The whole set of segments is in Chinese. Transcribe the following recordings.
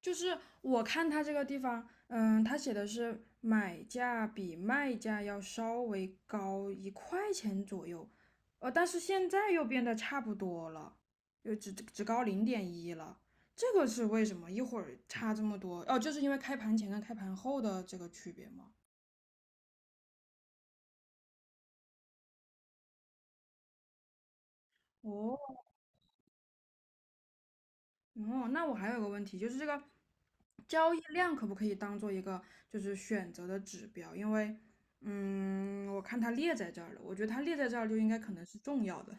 就是我看它这个地方，它写的是买价比卖价要稍微高1块钱左右，但是现在又变得差不多了，又只高0.1了，这个是为什么？一会儿差这么多？哦，就是因为开盘前跟开盘后的这个区别吗？哦，哦，那我还有个问题，就是这个交易量可不可以当做一个就是选择的指标？因为，我看它列在这儿了，我觉得它列在这儿就应该可能是重要的。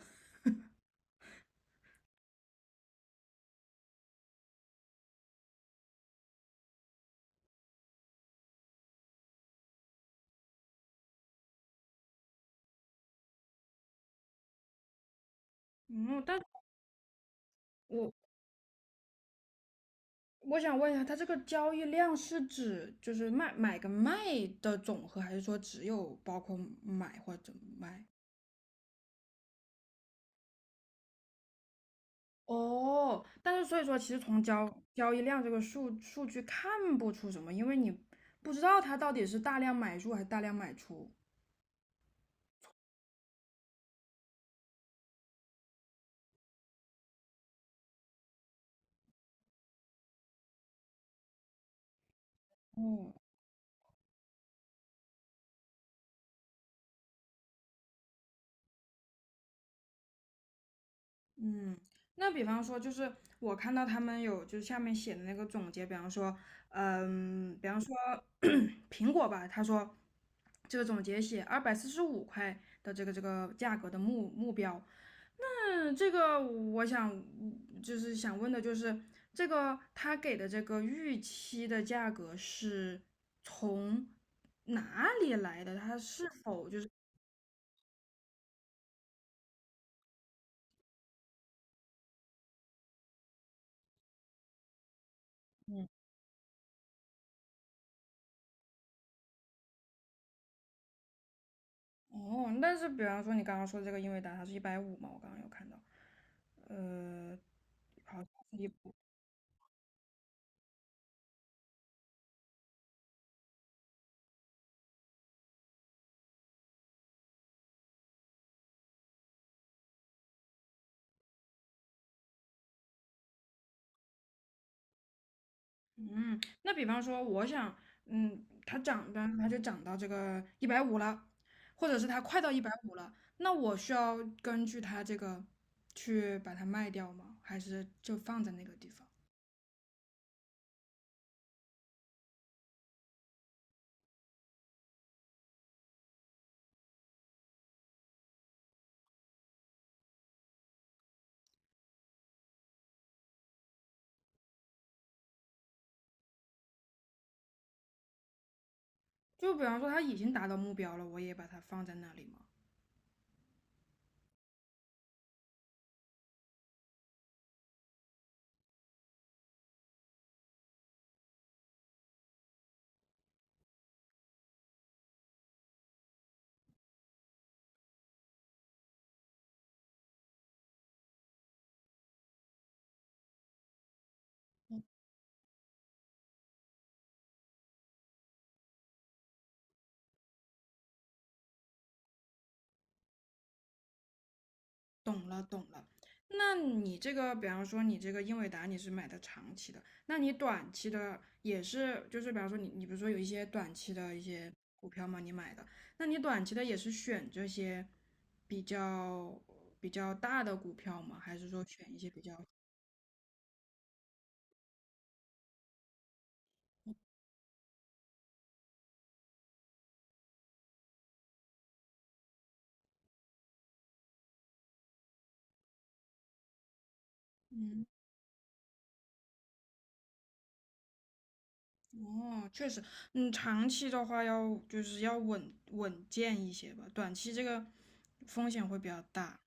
嗯，但我我想问一下，它这个交易量是指就是卖买跟卖的总和，还是说只有包括买或者卖？哦，但是所以说，其实从交易量这个数据看不出什么，因为你不知道它到底是大量买入还是大量买出。哦，嗯，那比方说，就是我看到他们有就是下面写的那个总结，比方说，嗯，比方说 苹果吧，他说这个总结写245块的这个价格的目标。嗯，这个我想就是想问的就是这个他给的这个预期的价格是从哪里来的？他是否就是？哦，但是比方说你刚刚说的这个英伟达，它是一百五嘛？我刚刚有看到，呃，好像是一，嗯，那比方说我想，它涨，比方说它就涨到这个一百五了，或者是它快到一百五了，那我需要根据它这个去把它卖掉吗？还是就放在那个地方？就比方说它已经达到目标了，我也把它放在那里吗？那你这个，比方说你这个英伟达你是买的长期的，那你短期的也是，就是比方说你比如说有一些短期的一些股票吗？你买的，那你短期的也是选这些比较比较大的股票吗？还是说选一些比较？哦，确实，嗯，长期的话要就是要稳健一些吧，短期这个风险会比较大。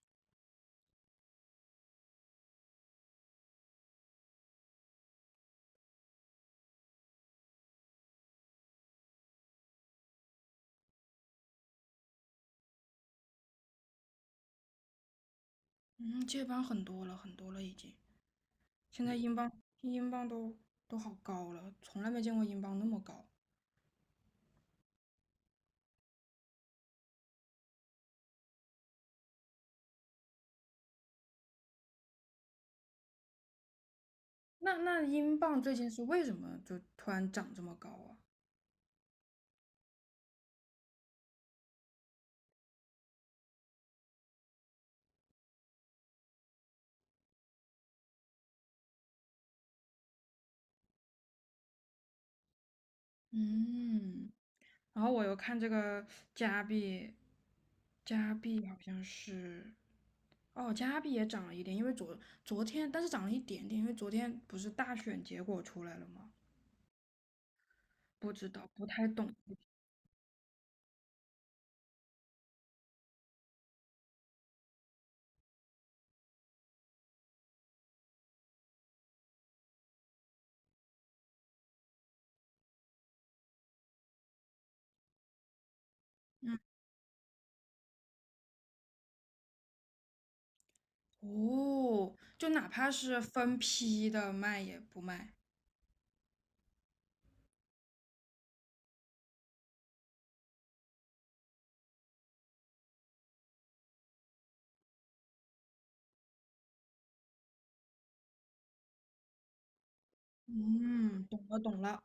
嗯，接班很多了，很多了已经。现在英镑都好高了，从来没见过英镑那么高。那英镑最近是为什么就突然涨这么高啊？嗯，然后我又看这个加币，加币好像是，哦，加币也涨了一点，因为昨天但是涨了一点点，因为昨天不是大选结果出来了吗？不知道，不太懂。哦，就哪怕是分批的卖也不卖。嗯，懂了懂了。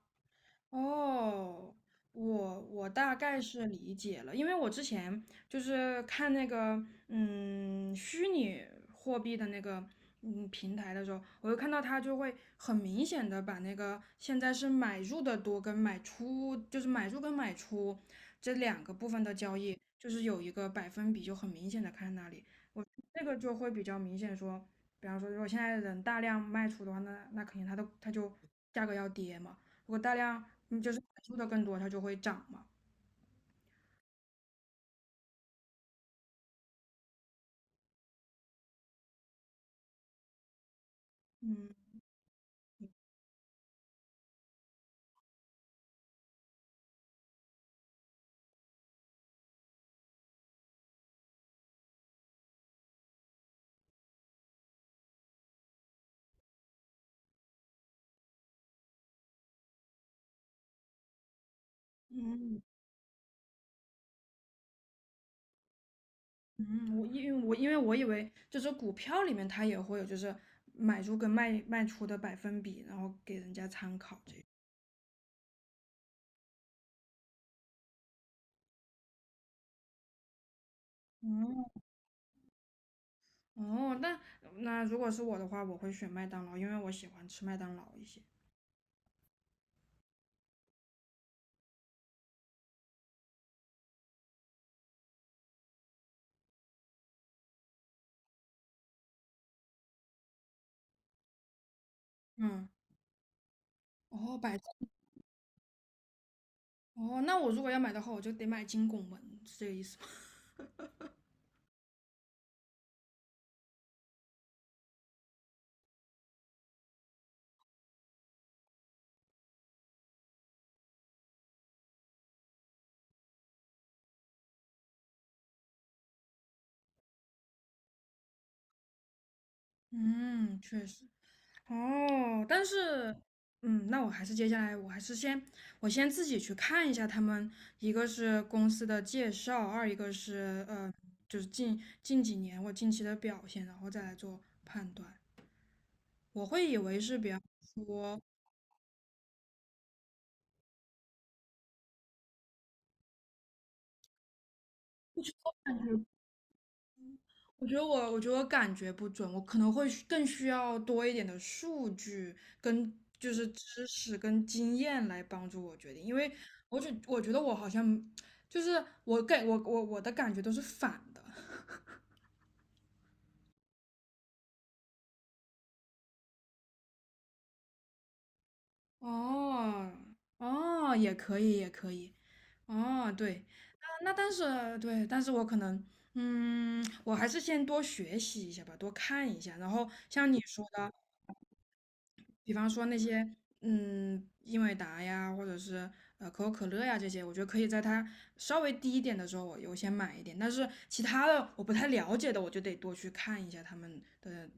哦，我大概是理解了，因为我之前就是看那个虚拟货币的那个平台的时候，我就看到它就会很明显的把那个现在是买入的多跟买出，就是买入跟买出这两个部分的交易，就是有一个百分比就很明显的看那里，我那个就会比较明显说，比方说如果现在人大量卖出的话，那肯定它的它就价格要跌嘛。如果大量你就是感受的更多，它就会涨嘛。嗯嗯，嗯，我因为我以为就是股票里面它也会有就是买入跟卖出的百分比，然后给人家参考这个哦哦，那那如果是我的话，我会选麦当劳，因为我喜欢吃麦当劳一些。嗯，哦，百哦，那我如果要买的话，我就得买金拱门，是这个意思吗？嗯，确实。哦，但是，嗯，那我还是接下来，我还是先，我先自己去看一下他们，一个是公司的介绍，二一个是就是近几年我近期的表现，然后再来做判断。我会以为是，比方说，我觉得我感觉不准，我可能会更需要多一点的数据跟就是知识跟经验来帮助我决定，因为我觉得我好像就是我给我我我的感觉都是反的。哦，哦，也可以，也可以。哦，对，但是对，但是我可能，嗯，我还是先多学习一下吧，多看一下。然后像你说的，比方说那些，嗯，英伟达呀，或者是可口可乐呀这些，我觉得可以在它稍微低一点的时候，我优先买一点。但是其他的我不太了解的，我就得多去看一下他们的，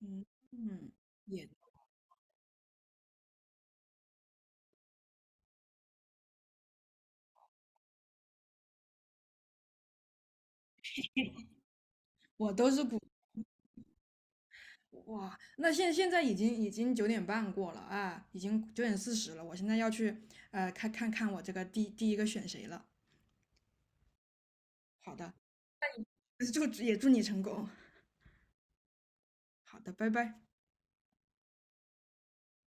嗯嗯，也，我都是股。哇，那现在已经9点半过了啊，已经9点40了，我现在要去看看我这个第一个选谁了。好的，就也祝你成功。好的，拜拜。